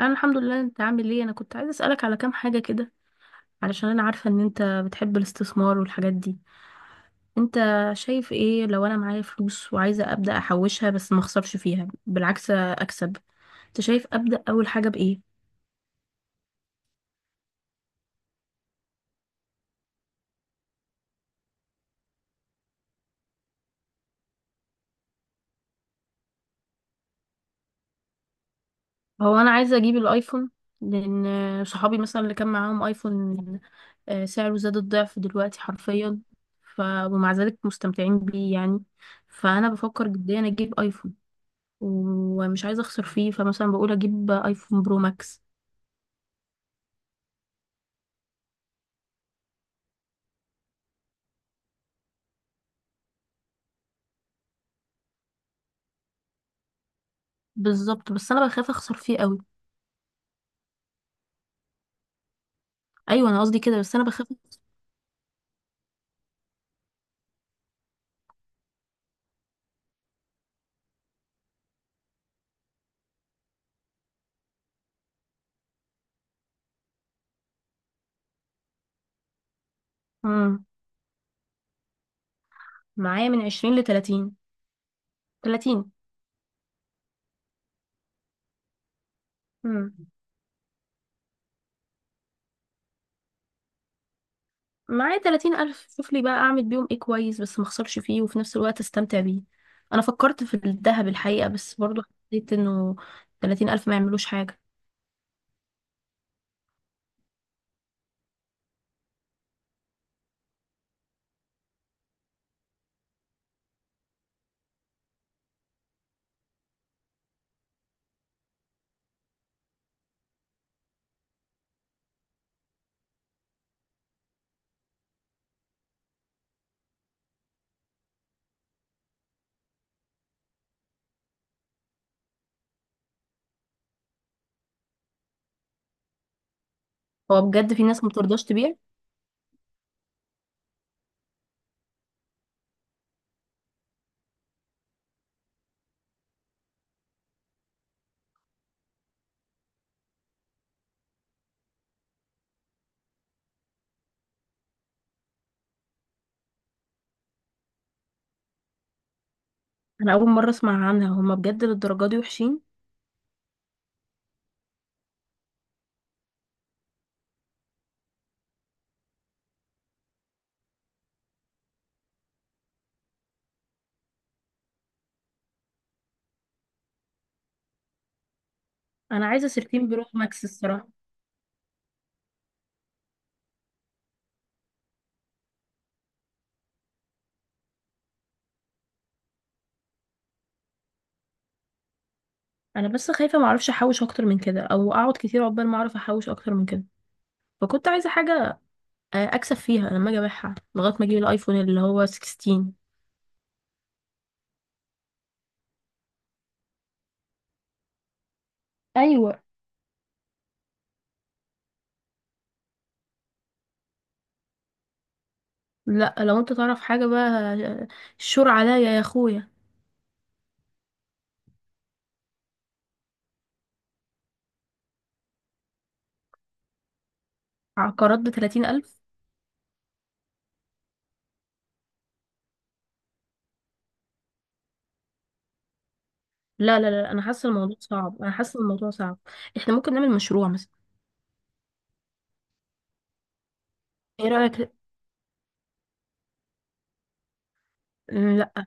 انا الحمد لله. انت عامل ايه؟ انا كنت عايزه اسالك على كام حاجه كده، علشان انا عارفه ان انت بتحب الاستثمار والحاجات دي. انت شايف ايه لو انا معايا فلوس وعايزه ابدا احوشها، بس ما اخسرش فيها، بالعكس اكسب؟ انت شايف ابدا اول حاجه بايه؟ هو انا عايزه اجيب الايفون، لان صحابي مثلا اللي كان معاهم ايفون، سعره زاد الضعف دلوقتي حرفيا. ف ومع ذلك مستمتعين بيه يعني. فانا بفكر جديا اجيب ايفون، ومش عايزه اخسر فيه، فمثلا بقول اجيب ايفون برو ماكس. بالظبط، بس انا بخاف اخسر فيه قوي. ايوه، انا قصدي كده، بس انا بخاف. امم معايا من 20 ل 30. 30. امم معايا 30 الف. شوف لي بقى اعمل بيهم ايه كويس، بس ما اخسرش فيه وفي نفس الوقت استمتع بيه. انا فكرت في الذهب الحقيقه، بس برضو حسيت انه 30 الف ما يعملوش حاجه. هو بجد في ناس ما بترضاش تبيع؟ انا اول مره اسمع عنها. هما بجد للدرجه دي وحشين؟ انا عايزه سيرتين برو ماكس الصراحه. انا بس خايفه ما اعرفش احوش اكتر من كده، او اقعد كتير عقبال ما اعرف احوش اكتر من كده. فكنت عايزه حاجه اكسب فيها لما اجي ابيعها لغايه ما اجيب الايفون اللي هو 16. ايوه. لا، لو انت تعرف حاجه بقى آه، الشور عليا يا اخويا. عقارات ب 30 الف؟ لا لا لا، انا حاسه الموضوع صعب، انا حاسه الموضوع صعب. احنا ممكن نعمل مشروع مثلا. ايه رايك؟ لا.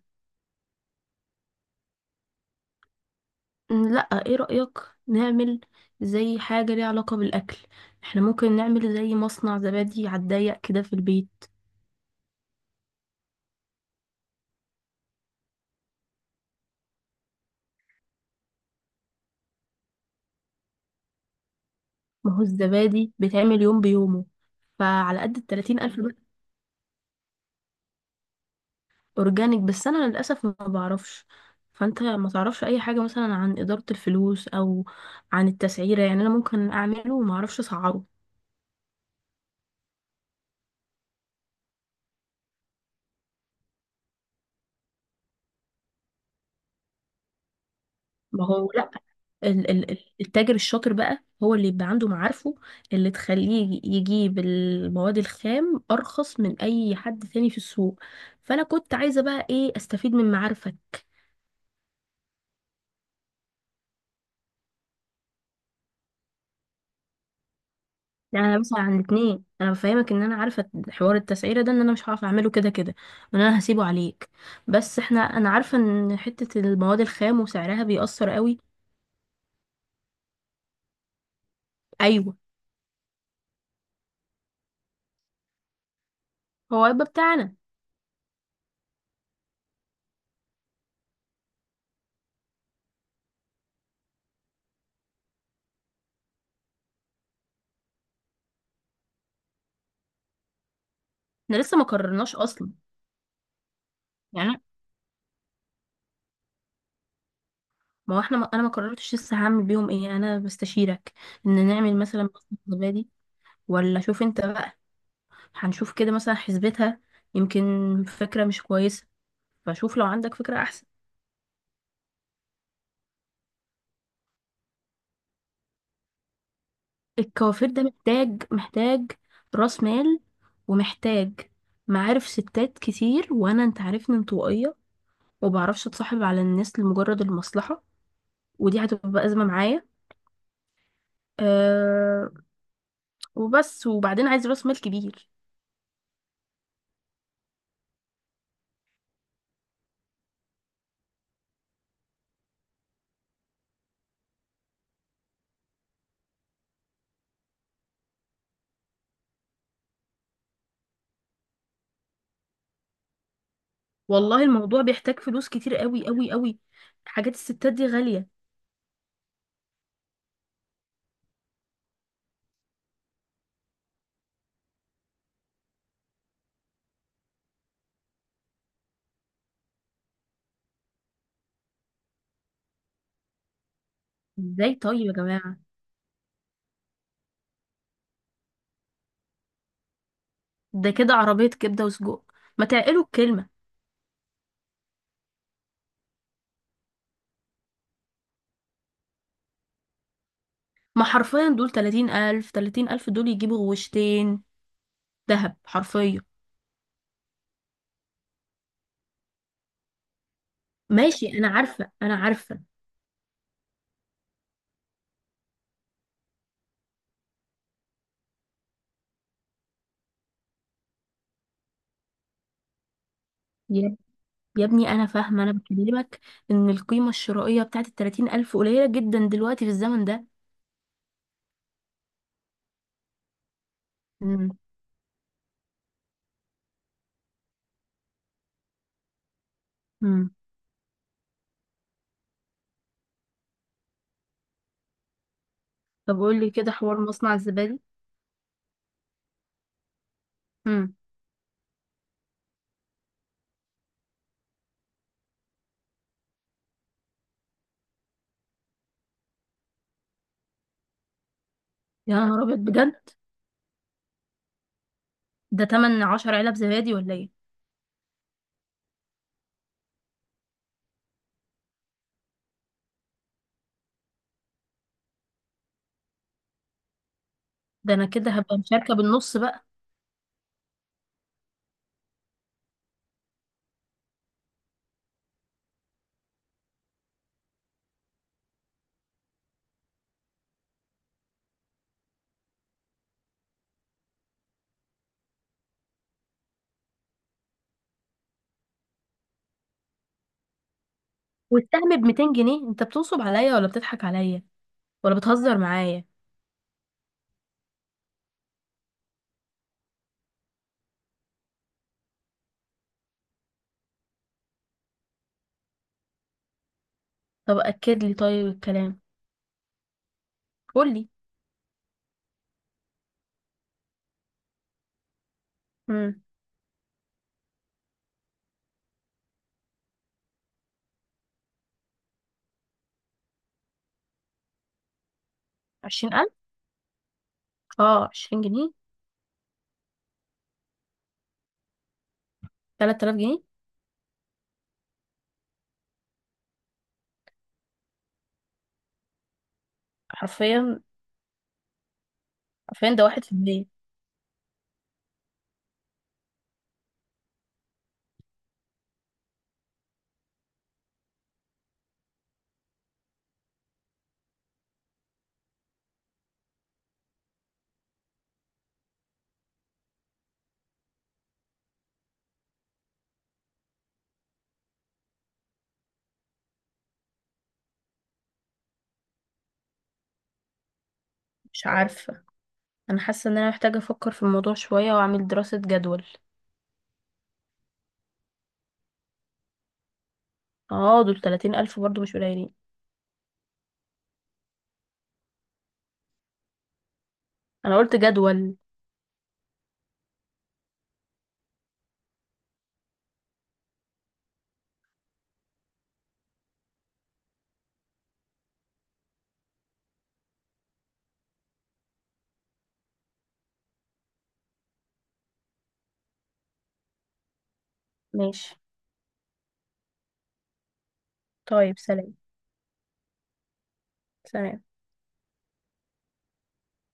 لا. ايه رايك نعمل زي حاجه ليها علاقه بالاكل؟ احنا ممكن نعمل زي مصنع زبادي على الضيق كده في البيت. ما هو الزبادي بيتعمل يوم بيومه، فعلى قد ال 30 الف. اورجانيك، بس انا للاسف ما بعرفش. فانت ما تعرفش اي حاجه مثلا عن اداره الفلوس، او عن التسعيره؟ يعني انا ممكن اعمله وما اعرفش اسعره. ما هو لا، التاجر الشاطر بقى هو اللي يبقى عنده معارفه اللي تخليه يجيب المواد الخام ارخص من اي حد تاني في السوق. فانا كنت عايزه بقى ايه؟ استفيد من معارفك. لا، انا بسأل عن الاتنين. انا بفهمك ان انا عارفه حوار التسعيره ده، ان انا مش هعرف اعمله كده كده، وان انا هسيبه عليك. بس احنا، انا عارفه ان حته المواد الخام وسعرها بيأثر قوي. ايوه. هو هيبقى بتاعنا. احنا لسه ما قررناش اصلا. يعني ما هو احنا، ما انا ما قررتش لسه هعمل بيهم ايه، انا بستشيرك ان نعمل مثلا بصمه زبادي. ولا شوف انت بقى. هنشوف كده مثلا، حسبتها يمكن فكره مش كويسه. فشوف لو عندك فكره احسن. الكوافير ده محتاج، راس مال، ومحتاج معارف ستات كتير، وانا انت عارفني انطوائيه، وبعرفش اتصاحب على الناس لمجرد المصلحه، ودي هتبقى ازمه معايا. أه. وبس. وبعدين عايز راس مال كبير. والله الموضوع بيحتاج فلوس كتير قوي قوي قوي. حاجات الستات دي غاليه. ازاي طيب يا جماعه؟ ده كده عربيه كبده وسجق. ما تعقلوا الكلمه. ما حرفيا دول 30,000، دول يجيبوا غوشتين دهب حرفيا. ماشي، انا عارفه، انا عارفه. يا يا ابني انا فاهمه. انا بكلمك ان القيمه الشرائيه بتاعت الـ30 ألف قليله جدا دلوقتي في الزمن ده. امم. امم. طب قول لي كده حوار مصنع الزبادي. امم. يا نهار ابيض بجد! ده تمن 10 علب زبادي ولا ايه؟ ده انا كده هبقى مشاركه بالنص بقى. والسهم ب 200 جنيه؟ انت بتنصب عليا ولا بتضحك عليا ولا بتهزر معايا؟ طب اكد لي طيب الكلام. قول لي. امم. 20,000. اه، 20 جنيه. 3,000 جنيه. حرفيا. حرفيا ده 1%. مش عارفة. أنا حاسة إن أنا محتاجة أفكر في الموضوع شوية وأعمل دراسة جدول. اه، دول 30 ألف برضو مش قليلين. أنا قلت جدول. ماشي. طيب، سلام. سلام.